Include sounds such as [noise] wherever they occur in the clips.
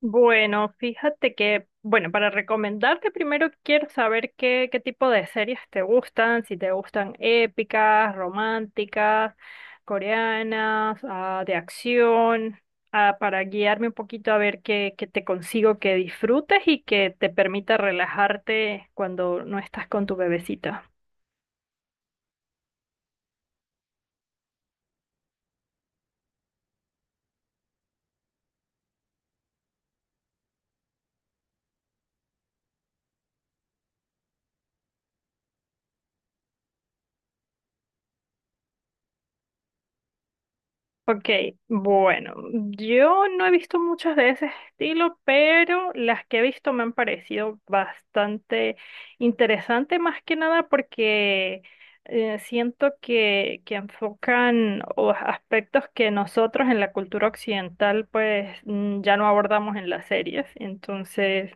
Bueno, fíjate que, para recomendarte primero quiero saber qué tipo de series te gustan, si te gustan épicas, románticas, coreanas, de acción, para guiarme un poquito a ver qué te consigo que disfrutes y que te permita relajarte cuando no estás con tu bebecita. Ok, bueno, yo no he visto muchas de ese estilo, pero las que he visto me han parecido bastante interesantes, más que nada porque siento que enfocan o aspectos que nosotros en la cultura occidental pues, ya no abordamos en las series, entonces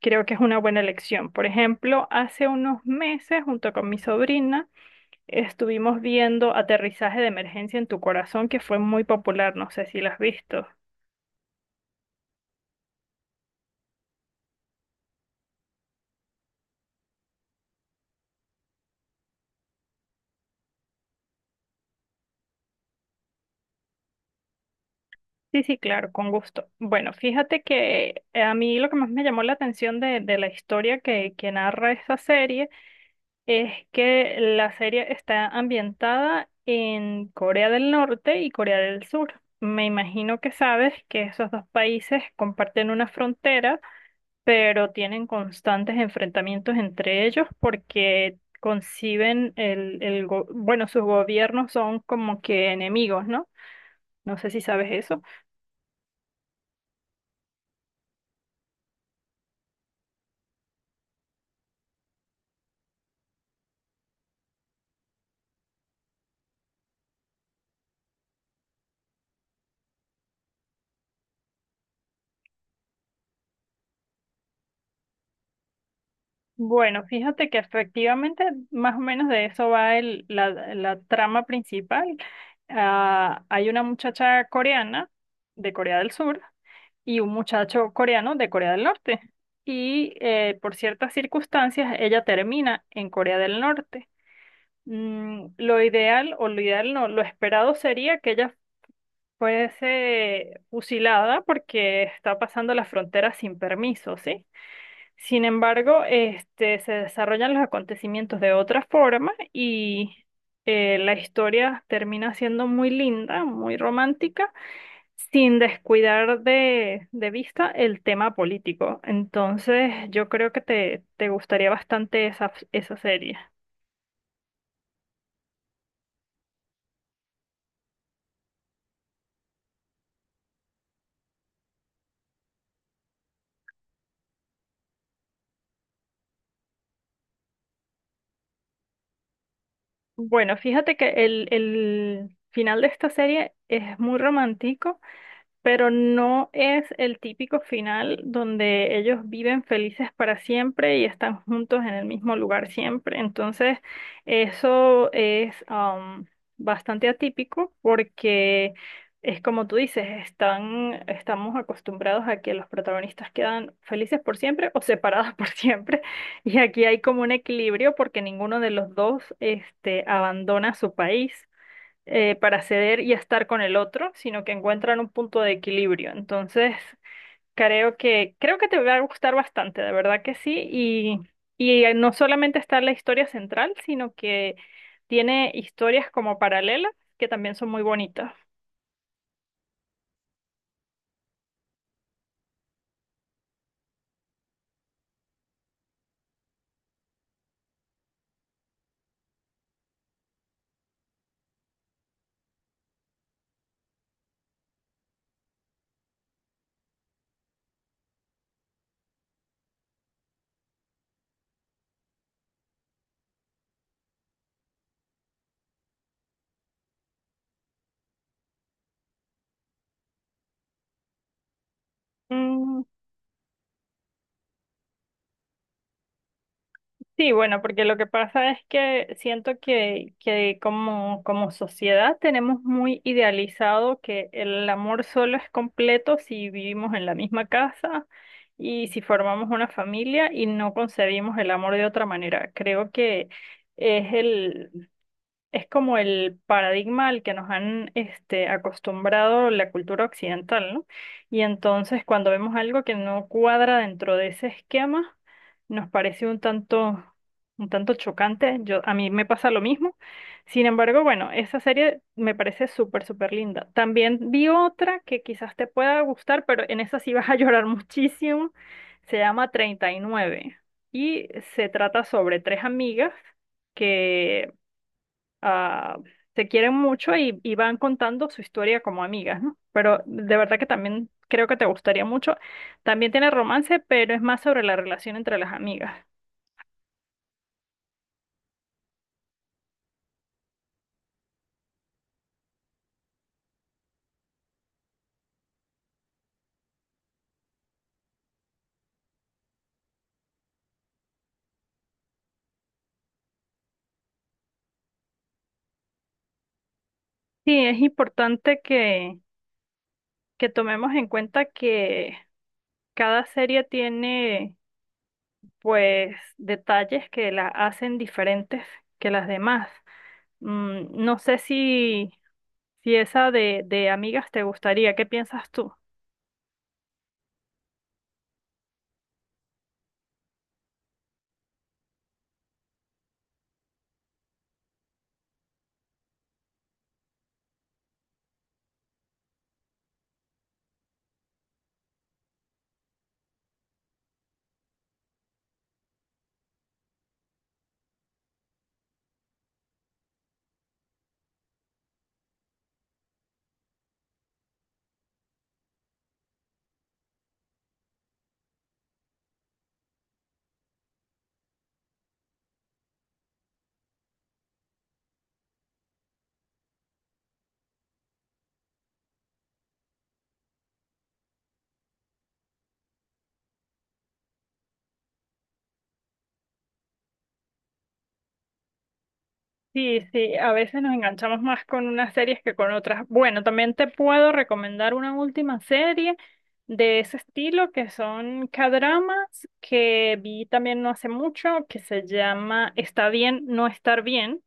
creo que es una buena elección. Por ejemplo, hace unos meses junto con mi sobrina, estuvimos viendo Aterrizaje de Emergencia en tu Corazón, que fue muy popular, no sé si la has visto. Sí, sí, claro, con gusto. Bueno, fíjate que a mí lo que más me llamó la atención de la historia que narra esta serie es que la serie está ambientada en Corea del Norte y Corea del Sur. Me imagino que sabes que esos dos países comparten una frontera pero tienen constantes enfrentamientos entre ellos porque conciben el, bueno, sus gobiernos son como que enemigos, ¿no? No sé si sabes eso. Bueno, fíjate que efectivamente más o menos de eso va la trama principal. Ah, hay una muchacha coreana de Corea del Sur y un muchacho coreano de Corea del Norte. Y por ciertas circunstancias ella termina en Corea del Norte. Lo ideal, o lo ideal no, lo esperado sería que ella fuese fusilada porque está pasando la frontera sin permiso, ¿sí? Sin embargo, este, se desarrollan los acontecimientos de otra forma y la historia termina siendo muy linda, muy romántica, sin descuidar de vista el tema político. Entonces, yo creo que te gustaría bastante esa, esa serie. Bueno, fíjate que el final de esta serie es muy romántico pero no es el típico final donde ellos viven felices para siempre y están juntos en el mismo lugar siempre. Entonces, eso es, bastante atípico porque es como tú dices, están, estamos acostumbrados a que los protagonistas quedan felices por siempre o separados [laughs] por siempre. Y aquí hay como un equilibrio porque ninguno de los dos este, abandona su país para ceder y estar con el otro, sino que encuentran un punto de equilibrio. Entonces, creo que te va a gustar bastante, de verdad que sí. Y no solamente está la historia central, sino que tiene historias como paralelas que también son muy bonitas. Mm, Sí, bueno, porque lo que pasa es que siento que como, como sociedad tenemos muy idealizado que el amor solo es completo si vivimos en la misma casa y si formamos una familia y no concebimos el amor de otra manera. Creo que es el, es como el paradigma al que nos han este, acostumbrado la cultura occidental, ¿no? Y entonces cuando vemos algo que no cuadra dentro de ese esquema, nos parece un tanto chocante. Yo, a mí me pasa lo mismo. Sin embargo, bueno, esa serie me parece súper, súper linda. También vi otra que quizás te pueda gustar, pero en esa sí vas a [laughs] llorar muchísimo. Se llama 39 y se trata sobre tres amigas. Que ah, se quieren mucho y van contando su historia como amigas, ¿no? Pero de verdad que también creo que te gustaría mucho. También tiene romance, pero es más sobre la relación entre las amigas. Sí, es importante que tomemos en cuenta que cada serie tiene, pues, detalles que la hacen diferentes que las demás. No sé si esa de amigas te gustaría. ¿Qué piensas tú? Sí, sí, a veces nos enganchamos más con unas series que con otras. Bueno, también te puedo recomendar una última serie de ese estilo que son K-dramas que vi también no hace mucho que se llama Está bien no estar bien.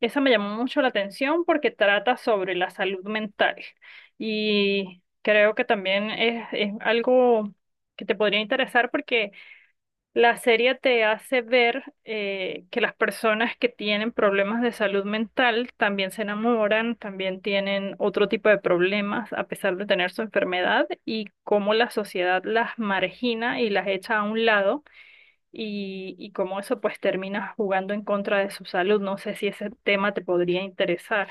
Esa me llamó mucho la atención porque trata sobre la salud mental y creo que también es algo que te podría interesar porque la serie te hace ver que las personas que tienen problemas de salud mental también se enamoran, también tienen otro tipo de problemas a pesar de tener su enfermedad y cómo la sociedad las margina y las echa a un lado y cómo eso pues termina jugando en contra de su salud. No sé si ese tema te podría interesar.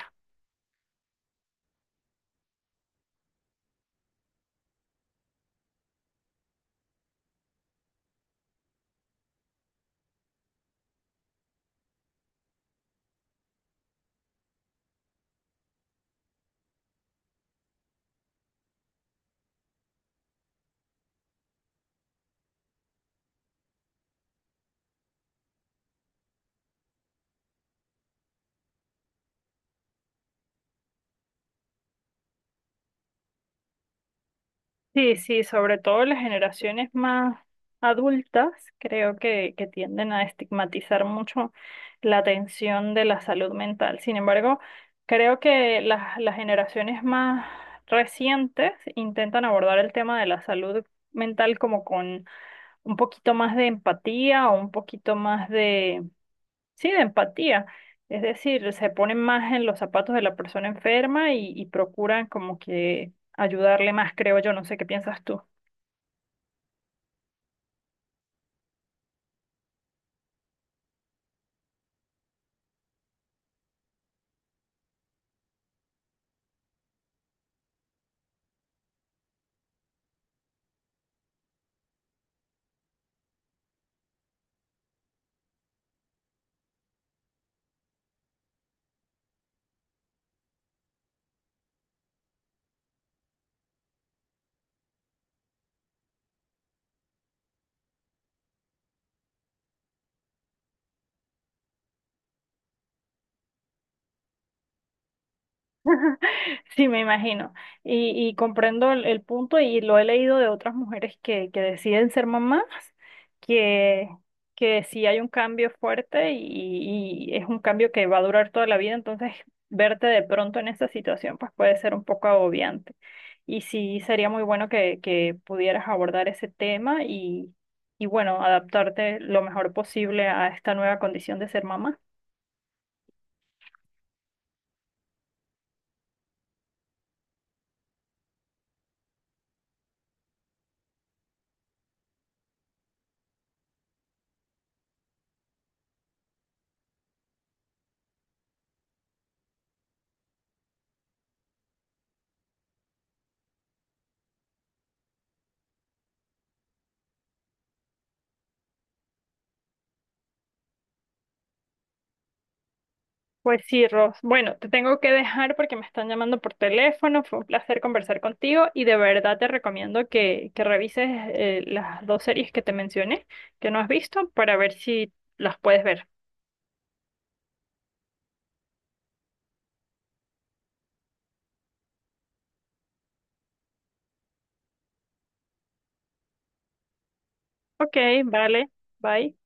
Sí, sí, sobre todo las generaciones más adultas creo que tienden a estigmatizar mucho la atención de la salud mental. Sin embargo, creo que las generaciones más recientes intentan abordar el tema de la salud mental como con un poquito más de empatía o un poquito más de, sí, de empatía. Es decir, se ponen más en los zapatos de la persona enferma y procuran como que ayudarle más, creo yo. No sé qué piensas tú. [laughs] Sí, me imagino. Y comprendo el punto y lo he leído de otras mujeres que deciden ser mamás, que, que sí hay un cambio fuerte y es un cambio que va a durar toda la vida, entonces verte de pronto en esa situación pues puede ser un poco agobiante. Y sí, sería muy bueno que pudieras abordar ese tema y bueno, adaptarte lo mejor posible a esta nueva condición de ser mamá. Pues sí, Ross. Bueno, te tengo que dejar porque me están llamando por teléfono. Fue un placer conversar contigo y de verdad te recomiendo que revises las dos series que te mencioné, que no has visto, para ver si las puedes ver. Ok, vale. Bye.